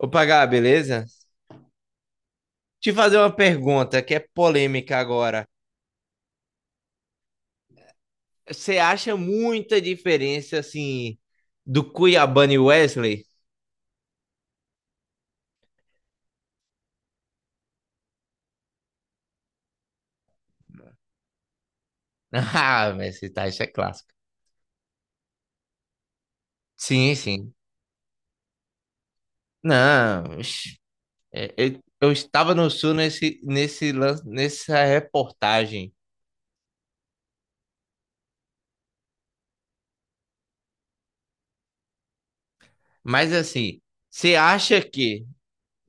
Opa, Gá, beleza? Te fazer uma pergunta que é polêmica agora. Você acha muita diferença, assim, do Cuiabano e Wesley? Ah, mas esse tá, isso é clássico. Sim, sim. Não, oxe, é, eu estava no Sul nessa reportagem. Mas, assim, você acha que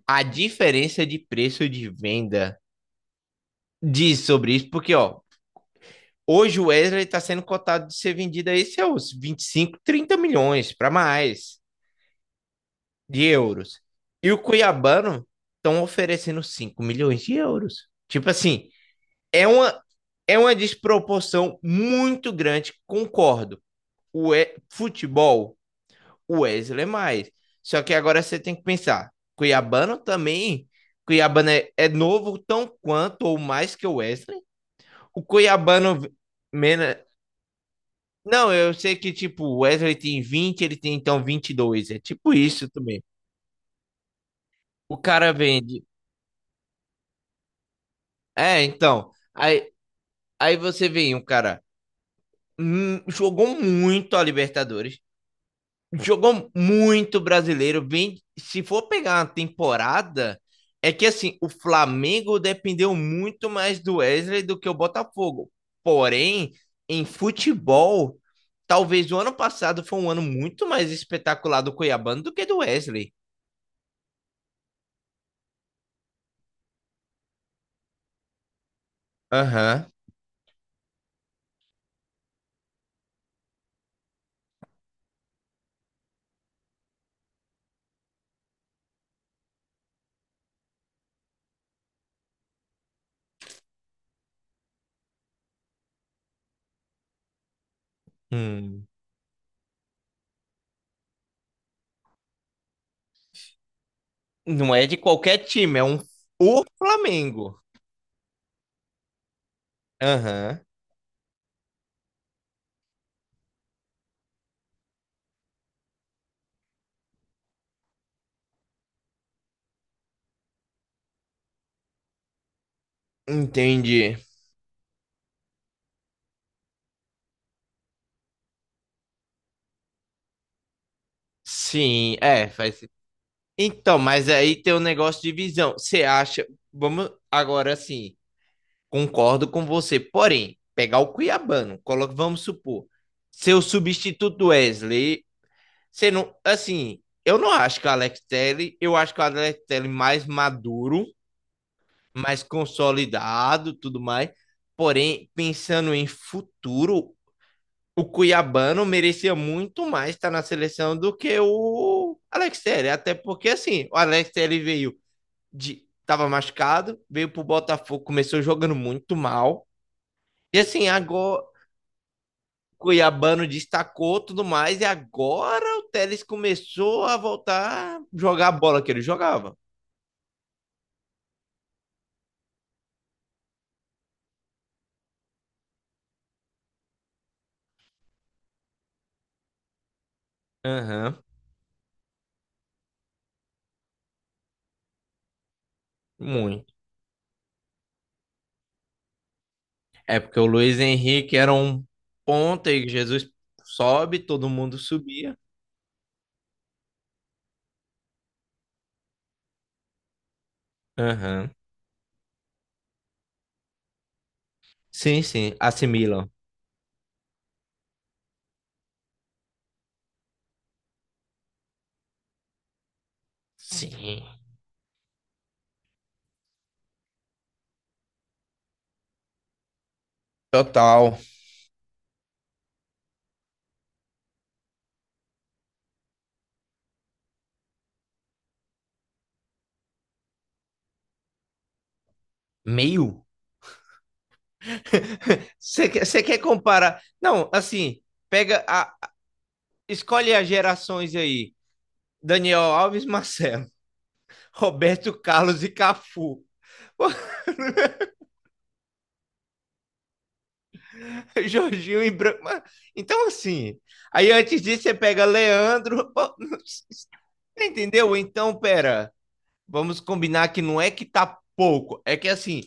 a diferença de preço de venda diz sobre isso? Porque, ó, hoje o Wesley está sendo cotado de ser vendido aí seus 25, 30 milhões para mais de euros. E o Cuiabano estão oferecendo 5 milhões de euros. Tipo assim, é uma, é uma desproporção muito grande, concordo. Futebol, o Wesley é mais. Só que agora você tem que pensar, Cuiabano também, Cuiabano é novo tão quanto ou mais que o Wesley. O Cuiabano Mena. Não, eu sei que, tipo, o Wesley tem 20, ele tem então 22, é tipo isso também. O cara vende. É, então. Aí, aí você vem, o cara jogou muito a Libertadores, jogou muito brasileiro. Vem, se for pegar uma temporada, é que assim, o Flamengo dependeu muito mais do Wesley do que o Botafogo. Porém, em futebol, talvez o ano passado foi um ano muito mais espetacular do Cuiabano do que do Wesley. Aham. Hum. Não é de qualquer time, é um, o Flamengo. Aham. Entendi. Sim, é, faz. Então, mas aí tem um negócio de visão. Você acha. Vamos agora assim. Concordo com você. Porém, pegar o Cuiabano, coloca, vamos supor, seu substituto do Wesley. Você não. Assim, eu não acho que o Alex Telles, eu acho que o Alex Telles mais maduro, mais consolidado, tudo mais. Porém, pensando em futuro, o Cuiabano merecia muito mais estar na seleção do que o Alex Telles, até porque assim, o Alex Telles veio de tava machucado, veio pro Botafogo, começou jogando muito mal. E assim, agora o Cuiabano destacou tudo mais e agora o Telles começou a voltar a jogar a bola que ele jogava. Aham, uhum, muito. É porque o Luiz Henrique era um ponta e Jesus sobe, todo mundo subia. Aham. Uhum. Sim, sim, assimilam. Sim. Total. Meio? Você quer comparar? Não, assim, pega a. Escolhe as gerações aí. Daniel Alves, Marcelo, Roberto Carlos e Cafu. Jorginho e Branco. Então, assim. Aí antes disso, você pega Leandro. Entendeu? Então, pera. Vamos combinar que não é que tá pouco. É que assim,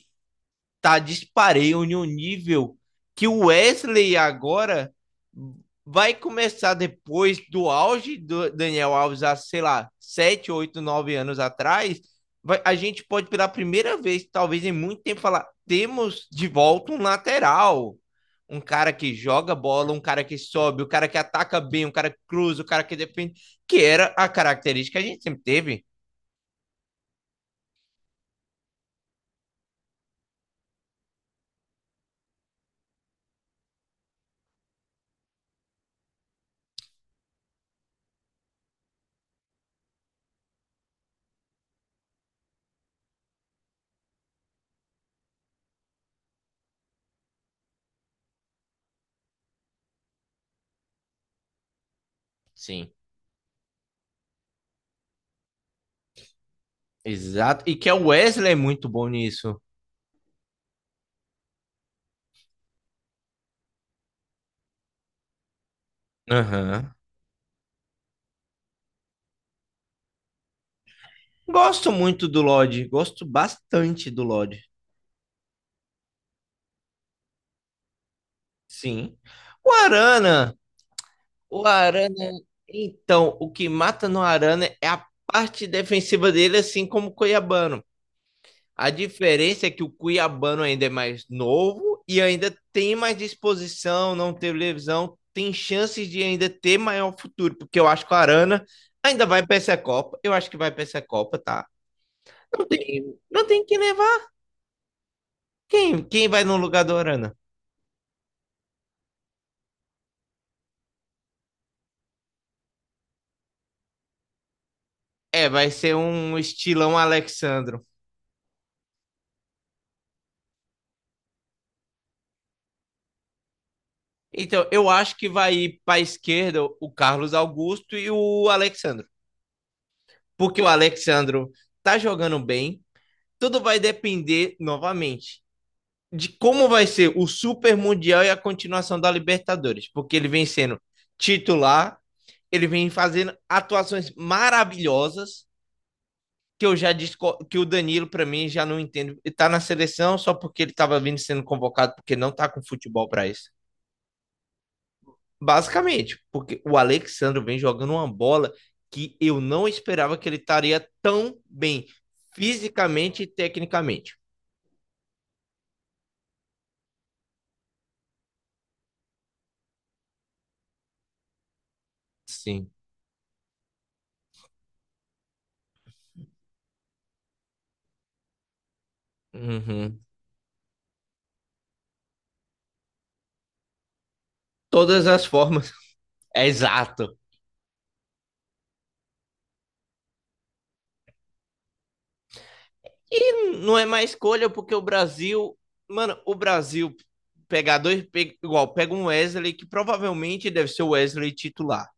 tá dispareio em um nível que o Wesley agora vai começar depois do auge do Daniel Alves há, sei lá, 7 8 9 anos atrás, vai, a gente pode pela primeira vez, talvez em muito tempo, falar, temos de volta um lateral, um cara que joga bola, um cara que sobe, um cara que ataca bem, um cara que cruza, um cara que defende, que era a característica que a gente sempre teve. Sim. Exato. E que é o Wesley é muito bom nisso. Aham. Gosto muito do Lodge, gosto bastante do Lodge, sim. O Arana, o Arana, então, o que mata no Arana é a parte defensiva dele, assim como o Cuiabano. A diferença é que o Cuiabano ainda é mais novo e ainda tem mais disposição, não teve lesão, tem chances de ainda ter maior futuro, porque eu acho que o Arana ainda vai para essa Copa, eu acho que vai para essa Copa, tá? Não tem, não tem que levar. Quem vai no lugar do Arana? É, vai ser um estilão Alexandro. Então, eu acho que vai ir para a esquerda o Carlos Augusto e o Alexandro. Porque o Alexandro tá jogando bem. Tudo vai depender, novamente, de como vai ser o Super Mundial e a continuação da Libertadores. Porque ele vem sendo titular, ele vem fazendo atuações maravilhosas, que eu já disse que o Danilo para mim já não entendo. Ele tá na seleção só porque ele estava vindo sendo convocado, porque não tá com futebol para isso. Basicamente, porque o Alexandre vem jogando uma bola que eu não esperava que ele estaria tão bem fisicamente e tecnicamente. Sim. Uhum. Todas as formas. É exato. E não é mais escolha, porque o Brasil. Mano, o Brasil pegar dois. Igual, pega um Wesley que provavelmente deve ser o Wesley titular.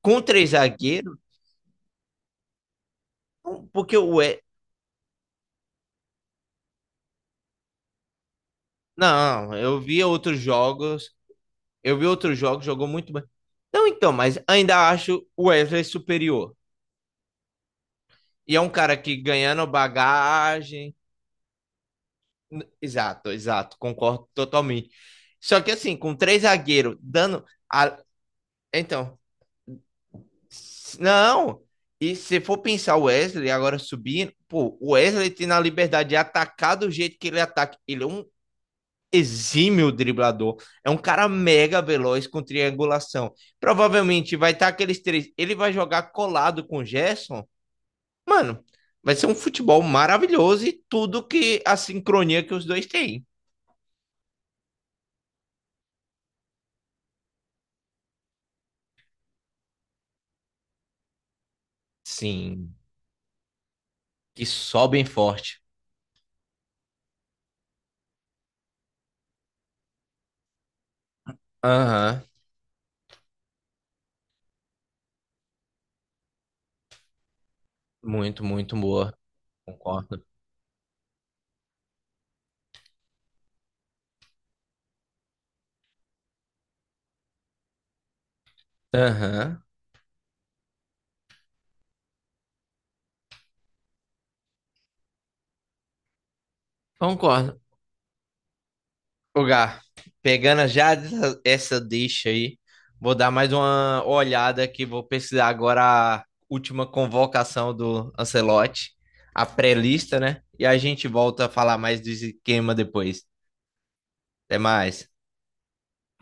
Com três zagueiros, porque o. Não, eu vi outros jogos. Eu vi outros jogos, jogou muito bem. Não, então, mas ainda acho o Wesley superior. E é um cara que ganhando bagagem. Exato, exato, concordo totalmente. Só que assim, com três zagueiros dando. a- Então, não. E se for pensar o Wesley agora subindo, pô, o Wesley tem a liberdade de atacar do jeito que ele ataca. Ele é um exímio driblador. É um cara mega veloz com triangulação. Provavelmente vai estar aqueles três. Ele vai jogar colado com o Gerson. Mano, vai ser um futebol maravilhoso e tudo que a sincronia que os dois têm. Sim, que sobem forte. Aham, muito, muito boa. Concordo. Aham, concordo. Ô, Gá, pegando já essa deixa aí, vou dar mais uma olhada, que vou pesquisar agora a última convocação do Ancelotti, a pré-lista, né? E a gente volta a falar mais do esquema depois. Até mais.